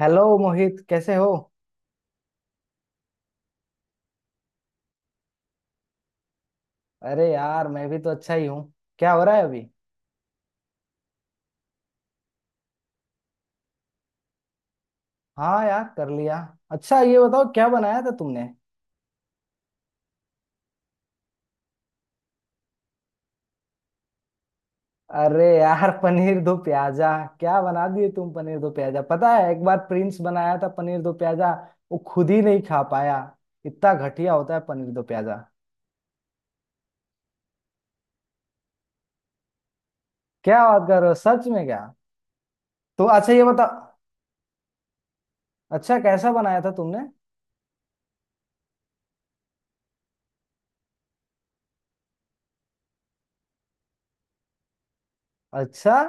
Hello, Mohit. कैसे हो? अरे यार, मैं भी तो अच्छा ही हूँ। क्या हो रहा है अभी? हाँ यार, कर लिया। अच्छा, ये बताओ क्या बनाया था तुमने? अरे यार! पनीर दो प्याजा। क्या बना दिए तुम? पनीर दो प्याजा, पता है एक बार प्रिंस बनाया था पनीर दो प्याजा। वो खुद ही नहीं खा पाया। इतना घटिया होता है पनीर दो प्याजा। क्या बात कर रहे हो, सच में क्या? तो अच्छा, ये बताओ। अच्छा, कैसा बनाया था तुमने? अच्छा।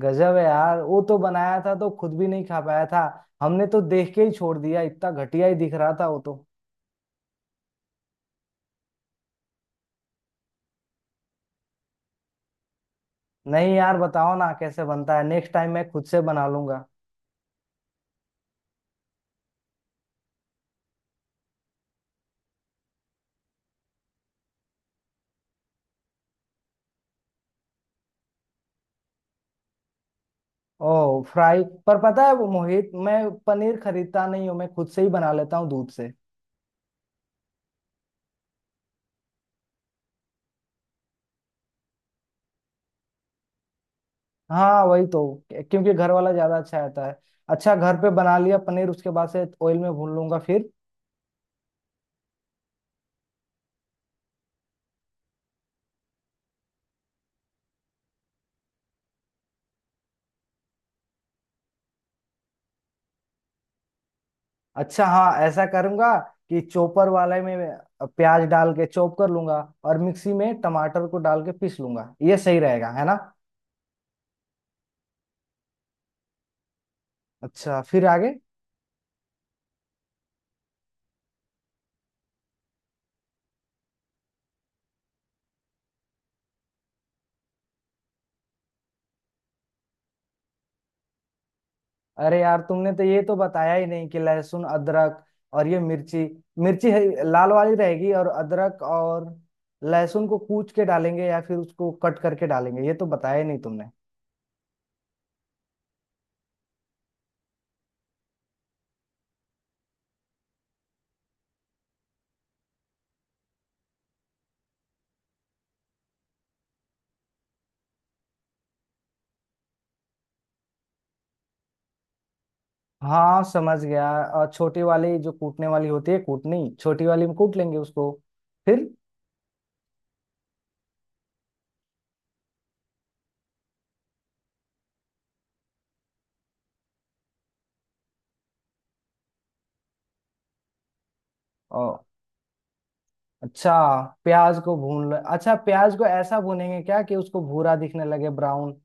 गजब है यार, वो तो बनाया था तो खुद भी नहीं खा पाया था। हमने तो देख के ही छोड़ दिया, इतना घटिया ही दिख रहा था वो तो। नहीं यार, बताओ ना कैसे बनता है। नेक्स्ट टाइम मैं खुद से बना लूंगा। ओह, फ्राई। पर पता है वो, मोहित, मैं पनीर खरीदता नहीं हूँ। मैं खुद से ही बना लेता हूँ दूध से। हाँ, वही तो। क्योंकि घर वाला ज्यादा अच्छा रहता है। अच्छा, घर पे बना लिया पनीर। उसके बाद से ऑयल में भून लूंगा फिर। अच्छा हाँ, ऐसा करूंगा। कि चॉपर वाले में प्याज डाल के चॉप कर लूंगा। और मिक्सी में टमाटर को डाल के पीस लूंगा। ये सही रहेगा, है ना? अच्छा, फिर आगे? अरे यार, तुमने तो ये तो बताया ही नहीं कि लहसुन अदरक और ये मिर्ची, मिर्ची है, लाल वाली रहेगी। और अदरक और लहसुन को कूच के डालेंगे या फिर उसको कट करके डालेंगे, ये तो बताया ही नहीं तुमने। हाँ, समझ गया। और छोटी वाली जो कूटने वाली होती है कूटनी, छोटी वाली में कूट लेंगे उसको। फिर? अच्छा। प्याज को भून लो अच्छा। प्याज को ऐसा भूनेंगे क्या कि उसको भूरा दिखने लगे, ब्राउन?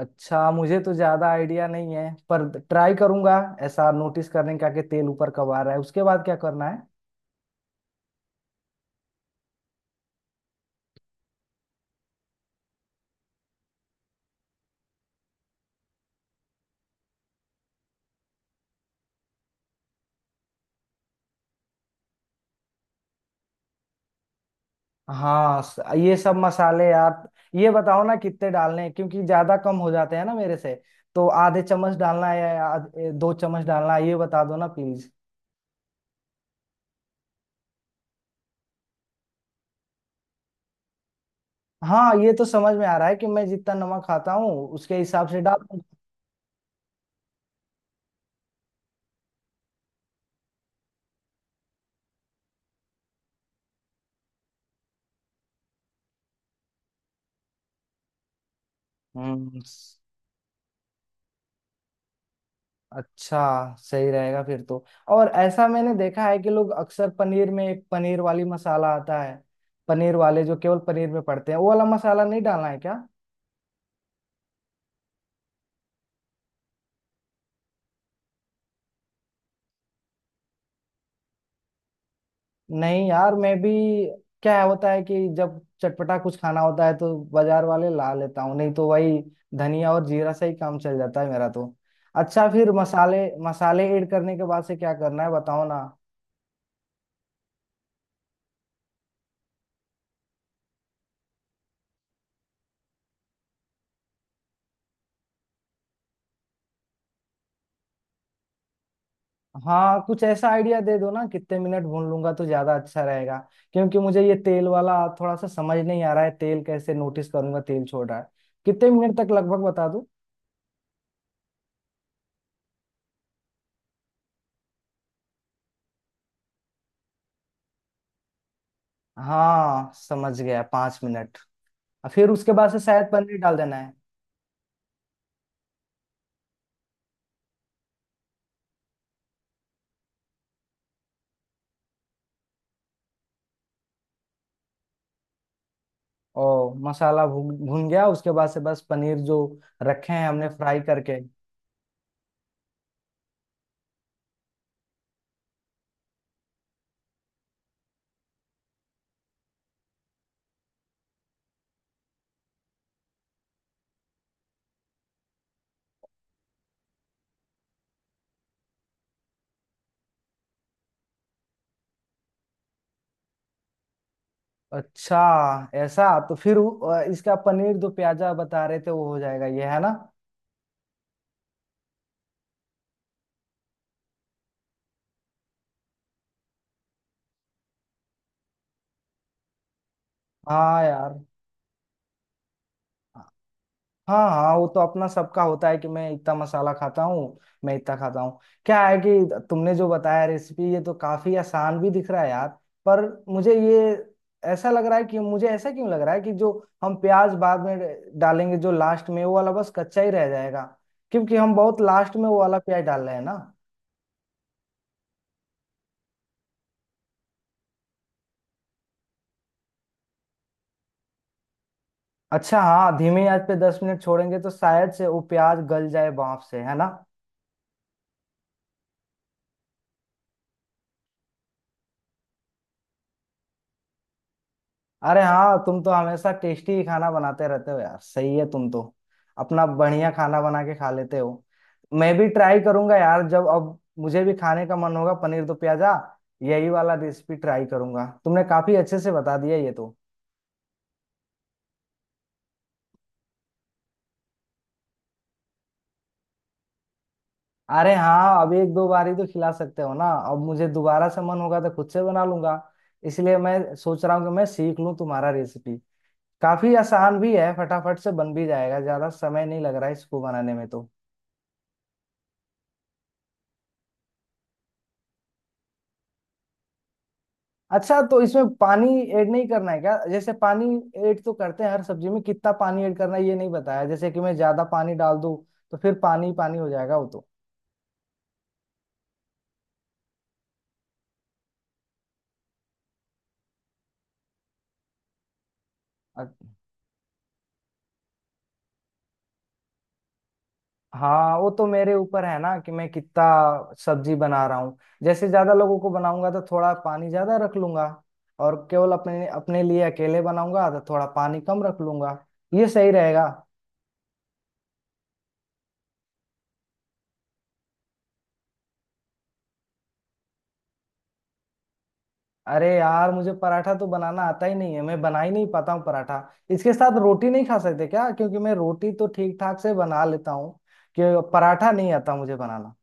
अच्छा, मुझे तो ज्यादा आइडिया नहीं है, पर ट्राई करूंगा। ऐसा नोटिस करने का कि तेल ऊपर कब आ रहा है, उसके बाद क्या करना है? हाँ, ये सब मसाले यार। ये बताओ ना कितने डालने हैं, क्योंकि ज्यादा कम हो जाते हैं ना मेरे से। तो आधे चम्मच डालना है या दो चम्मच डालना है, ये बता दो ना प्लीज। हाँ, ये तो समझ में आ रहा है कि मैं जितना नमक खाता हूँ उसके हिसाब से डाल दूंगा। हम्म। अच्छा। सही रहेगा फिर तो। और ऐसा मैंने देखा है कि लोग अक्सर पनीर में एक पनीर वाली मसाला आता है। पनीर वाले जो केवल पनीर में पड़ते हैं, वो वाला मसाला नहीं डालना है क्या? नहीं यार, मैं भी। क्या होता है कि जब चटपटा कुछ खाना होता है तो बाजार वाले ला लेता हूँ, नहीं तो वही धनिया और जीरा से ही काम चल जाता है मेरा तो। अच्छा, फिर मसाले मसाले ऐड करने के बाद से क्या करना है, बताओ ना। हाँ, कुछ ऐसा आइडिया दे दो ना कितने मिनट भून लूंगा तो ज्यादा अच्छा रहेगा। क्योंकि मुझे ये तेल वाला थोड़ा सा समझ नहीं आ रहा है, तेल कैसे नोटिस करूंगा तेल छोड़ रहा है। कितने मिनट तक लगभग बता दो। हाँ समझ गया, 5 मिनट। और फिर उसके बाद से शायद पनीर डाल देना है। ओ, मसाला भून भून गया, उसके बाद से बस पनीर जो रखे हैं हमने फ्राई करके। अच्छा। ऐसा। तो फिर इसका पनीर जो प्याजा बता रहे थे वो हो जाएगा, ये है ना? हाँ यार। हाँ, हाँ, वो तो अपना सबका होता है कि मैं इतना मसाला खाता हूँ। मैं इतना खाता हूँ। क्या है कि तुमने जो बताया रेसिपी ये तो काफी आसान भी दिख रहा है यार। पर मुझे ये ऐसा लग रहा है कि मुझे, ऐसा क्यों लग रहा है कि जो हम प्याज बाद में डालेंगे जो लास्ट में, वो वाला बस कच्चा ही रह जाएगा। क्योंकि हम बहुत लास्ट में वो वाला प्याज डाल रहे हैं ना। अच्छा हाँ, धीमी आंच पे 10 मिनट छोड़ेंगे तो शायद से वो प्याज गल जाए भाप से, है ना? अरे हाँ, तुम तो हमेशा टेस्टी ही खाना बनाते रहते हो यार, सही है तुम तो। अपना बढ़िया खाना बना के खा लेते हो। मैं भी ट्राई करूंगा यार, जब अब मुझे भी खाने का मन होगा पनीर दो प्याजा। यही वाला रेसिपी ट्राई करूंगा, तुमने काफी अच्छे से बता दिया ये तो। अरे हाँ, अब एक दो बार ही तो खिला सकते हो ना, अब मुझे दोबारा से मन होगा तो खुद से बना लूंगा। इसलिए मैं सोच रहा हूँ कि मैं सीख लूँ तुम्हारा रेसिपी। काफी आसान भी है, फटाफट से बन भी जाएगा, ज्यादा समय नहीं लग रहा है इसको बनाने में तो। अच्छा, तो इसमें पानी ऐड नहीं करना है क्या? जैसे पानी ऐड तो करते हैं हर सब्जी में। कितना पानी ऐड करना है ये नहीं बताया। जैसे कि मैं ज्यादा पानी डाल दूं तो फिर पानी पानी हो जाएगा वो तो। अ- हाँ, वो तो मेरे ऊपर है ना कि मैं कितना सब्जी बना रहा हूँ। जैसे ज्यादा लोगों को बनाऊंगा तो थोड़ा पानी ज्यादा रख लूंगा। और केवल अपने अपने लिए अकेले बनाऊंगा तो थोड़ा पानी कम रख लूंगा। ये सही रहेगा। अरे यार, मुझे पराठा तो बनाना आता ही नहीं है, मैं बना ही नहीं पाता हूँ पराठा। इसके साथ रोटी नहीं खा सकते क्या? क्योंकि मैं रोटी तो ठीक ठाक से बना लेता हूँ। कि पराठा नहीं आता मुझे बनाना।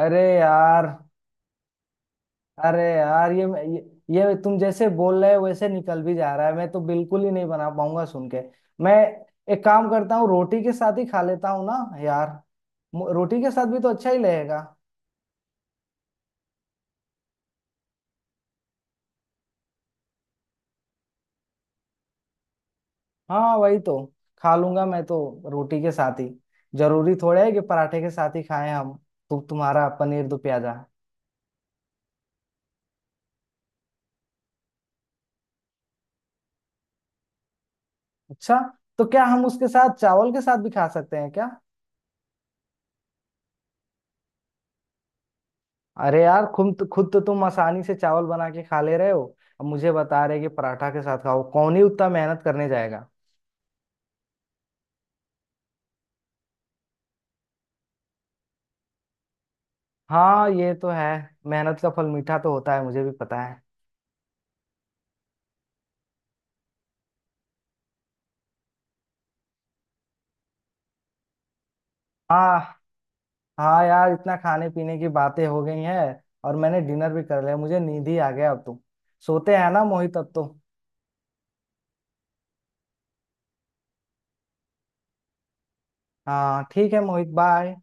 अरे यार। अरे यार ये, ये, ये तुम जैसे बोल रहे हो वैसे निकल भी जा रहा है, मैं तो बिल्कुल ही नहीं बना पाऊंगा सुन के। मैं एक काम करता हूँ, रोटी के साथ ही खा लेता हूँ ना। यार, रोटी के साथ भी तो अच्छा ही लगेगा। हाँ वही तो। खा लूंगा मैं तो रोटी के साथ ही। जरूरी थोड़ा है कि पराठे के साथ ही खाएं हम। तो तुम्हारा पनीर दो प्याजा। अच्छा, तो क्या हम उसके साथ चावल के साथ भी खा सकते हैं क्या? अरे यार, खुद खुद तो तुम आसानी से चावल बना के खा ले रहे हो। अब मुझे बता रहे कि पराठा के साथ खाओ, कौन ही उतना मेहनत करने जाएगा। हाँ, ये तो है। मेहनत का फल मीठा तो होता है, मुझे भी पता है। हाँ। हाँ यार, इतना खाने पीने की बातें हो गई हैं। और मैंने डिनर भी कर लिया, मुझे नींद ही आ गया अब तो। सोते हैं ना मोहित, अब तो। हाँ ठीक है मोहित, बाय।